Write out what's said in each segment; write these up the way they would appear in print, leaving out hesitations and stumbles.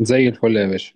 زي الفل يا باشا.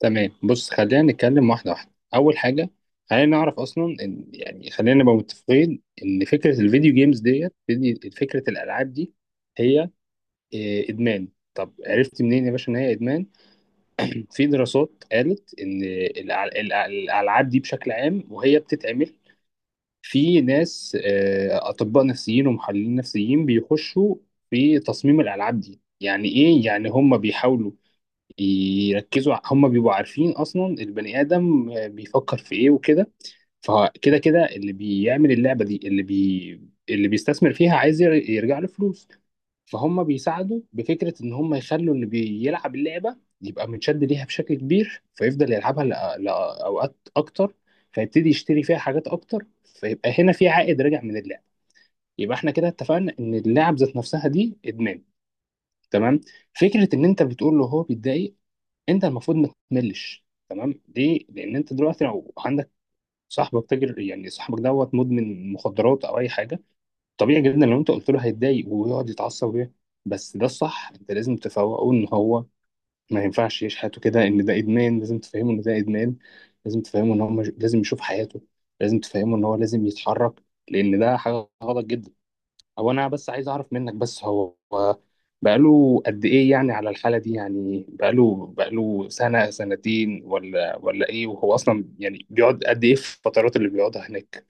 تمام، بص، خلينا نتكلم واحدة واحدة. أول حاجة، خلينا نعرف أصلا إن يعني خلينا نبقى متفقين إن فكرة الفيديو جيمز فكرة الألعاب دي هي، إدمان. طب عرفت منين يا باشا إن هي إدمان؟ في دراسات قالت إن الألعاب دي بشكل عام وهي بتتعمل. في ناس، أطباء نفسيين ومحللين نفسيين، بيخشوا في تصميم الألعاب دي. يعني إيه؟ يعني هم بيحاولوا يركزوا، هم بيبقوا عارفين اصلا البني ادم بيفكر في ايه وكده. فكده كده اللي بيعمل اللعبه دي، اللي بيستثمر فيها عايز يرجع له فلوس. فهم بيساعدوا بفكره ان هم يخلوا اللي بيلعب اللعبه يبقى متشد ليها بشكل كبير، فيفضل يلعبها لاوقات اكتر، فيبتدي يشتري فيها حاجات اكتر، فيبقى هنا في عائد راجع من اللعبه. يبقى احنا كده اتفقنا ان اللعب ذات نفسها دي ادمان، تمام. فكره ان انت بتقول له هو بيتضايق، انت المفروض ما تملش. تمام، ليه؟ لان انت دلوقتي لو عندك صاحبك تاجر، يعني صاحبك دوت مدمن مخدرات او اي حاجه، طبيعي جدا لو انت قلت له هيتضايق ويقعد يتعصب بس ده الصح. انت لازم تفوقه ان هو ما ينفعش يعيش حياته كده، ان ده ادمان. لازم تفهمه ان ده ادمان، لازم تفهمه ان هو مش... لازم يشوف حياته، لازم تفهمه ان هو لازم يتحرك، لان ده حاجه غلط جدا. هو انا بس عايز اعرف منك، بس هو بقاله قد ايه يعني على الحالة دي؟ يعني بقاله سنة سنتين ولا ايه؟ وهو اصلا يعني بيقعد قد ايه في الفترات اللي بيقعدها هناك؟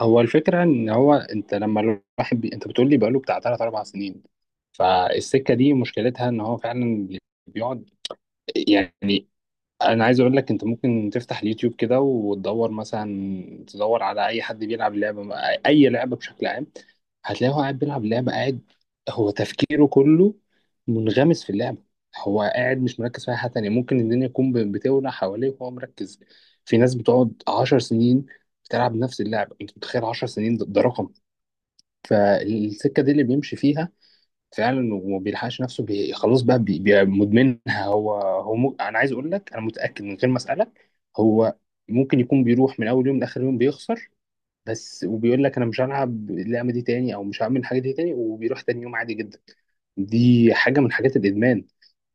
هو الفكرة ان هو، انت لما الواحد انت بتقول لي بقاله بتاع 3 4 سنين. فالسكة دي مشكلتها ان هو فعلا بيقعد، يعني انا عايز اقول لك، انت ممكن تفتح اليوتيوب كده وتدور مثلا، تدور على اي حد بيلعب لعبة، اي لعبة بشكل عام، هتلاقيه هو قاعد بيلعب لعبة قاعد، هو تفكيره كله منغمس في اللعبة. هو قاعد مش مركز في أي حاجة تانية، ممكن الدنيا تكون بتولع حواليه وهو مركز. في ناس بتقعد 10 سنين بتلعب نفس اللعبة، أنت متخيل 10 سنين؟ ده رقم. فالسكة دي اللي بيمشي فيها فعلا، وما بيلحقش نفسه، بي خلاص بقى بي بي مدمنها. أنا عايز أقول لك، أنا متأكد من غير ما أسألك، هو ممكن يكون بيروح من أول يوم لآخر يوم بيخسر، بس وبيقول لك انا مش هلعب اللعبه دي تاني، او مش هعمل الحاجه دي تاني، وبيروح تاني يوم عادي جدا. دي حاجه من حاجات الادمان.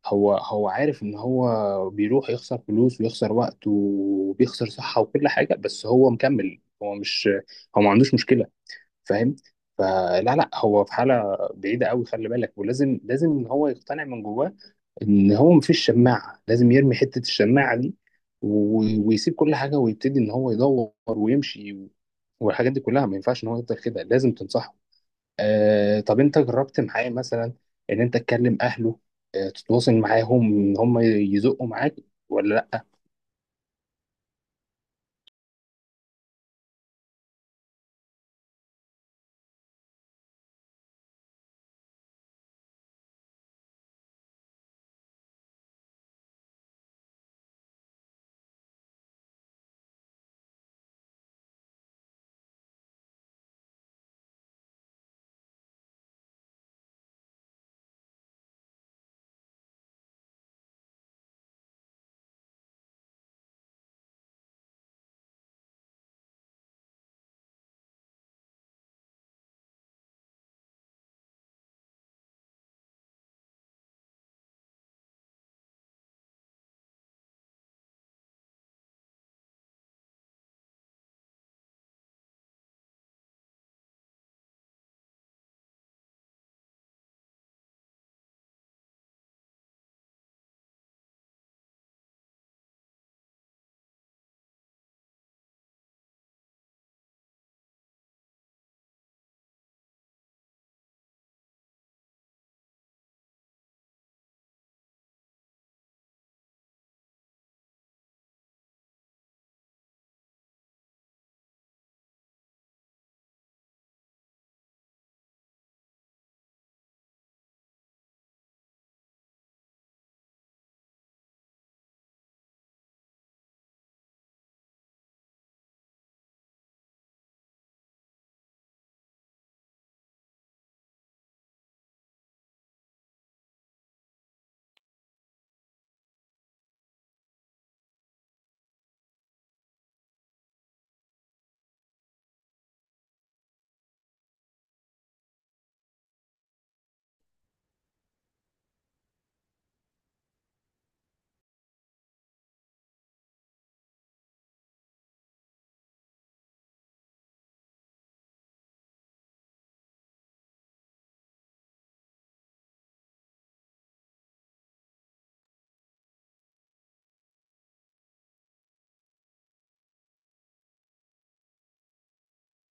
هو عارف ان هو بيروح يخسر فلوس ويخسر وقت وبيخسر صحه وكل حاجه، بس هو مكمل، هو ما عندوش مشكله، فاهم؟ فلا لا، هو في حاله بعيده قوي، خلي بالك. ولازم ان هو يقتنع من جواه ان هو مفيش شماعه، لازم يرمي حته الشماعه دي، ويسيب كل حاجه ويبتدي ان هو يدور ويمشي، والحاجات دي كلها ما ينفعش ان هو يفضل كده، لازم تنصحه. آه، طب انت جربت معاه مثلا ان انت تكلم اهله؟ آه، تتواصل معاهم ان هم يزقوا معاك، ولا لا؟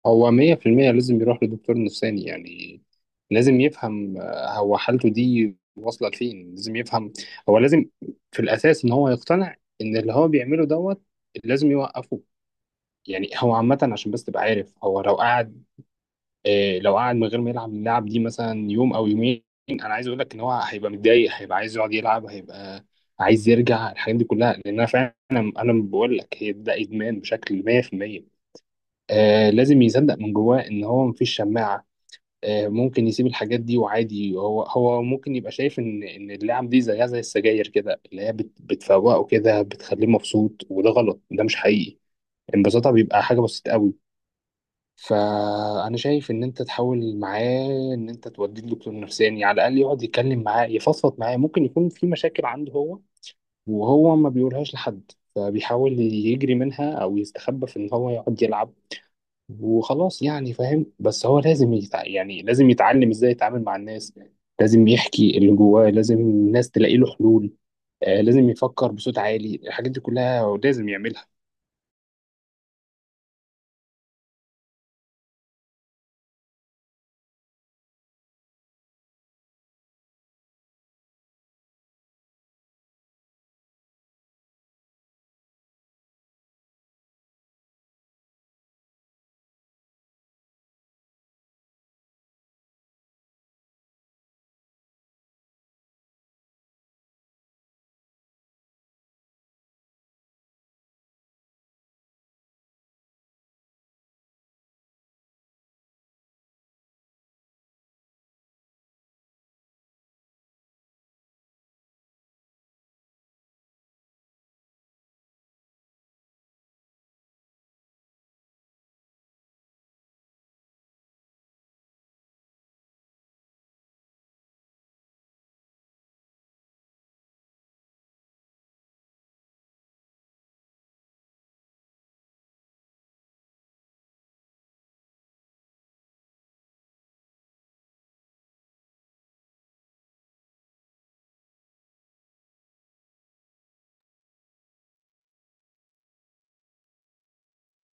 هو 100% لازم يروح لدكتور نفساني. يعني لازم يفهم هو حالته دي واصله لفين. لازم يفهم هو، لازم في الاساس ان هو يقتنع ان اللي هو بيعمله دوت لازم يوقفه. يعني هو عامة عشان بس تبقى عارف، هو لو قعد لو قعد من غير ما يلعب اللعب دي مثلا يوم أو يومين، أنا عايز أقول لك إن هو هيبقى متضايق، هيبقى عايز يقعد يلعب، هيبقى عايز يرجع الحاجات دي كلها، لأن أنا فعلا أنا بقول لك هي ده إدمان بشكل 100%. آه، لازم يصدق من جواه إن هو مفيش شماعة. آه، ممكن يسيب الحاجات دي وعادي. هو ممكن يبقى شايف إن اللعب دي زيها زي السجاير كده، اللي هي بتفوقه كده بتخليه مبسوط، وده غلط، ده مش حقيقي. انبساطها بيبقى حاجة بسيطة قوي. فانا شايف ان انت تحاول معاه ان انت توديه لدكتور نفساني، يعني على الاقل يقعد يتكلم معاه يفضفض معاه. ممكن يكون في مشاكل عنده هو وهو ما بيقولهاش لحد، فبيحاول يجري منها او يستخبى في ان هو يقعد يلعب وخلاص، يعني فاهم. بس هو لازم يعني لازم يتعلم ازاي يتعامل مع الناس. لازم يحكي اللي جواه، لازم الناس تلاقي له حلول. آه، لازم يفكر بصوت عالي. الحاجات دي كلها هو لازم يعملها.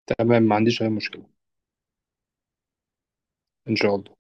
تمام، ما عنديش اي مشكلة. ان شاء الله.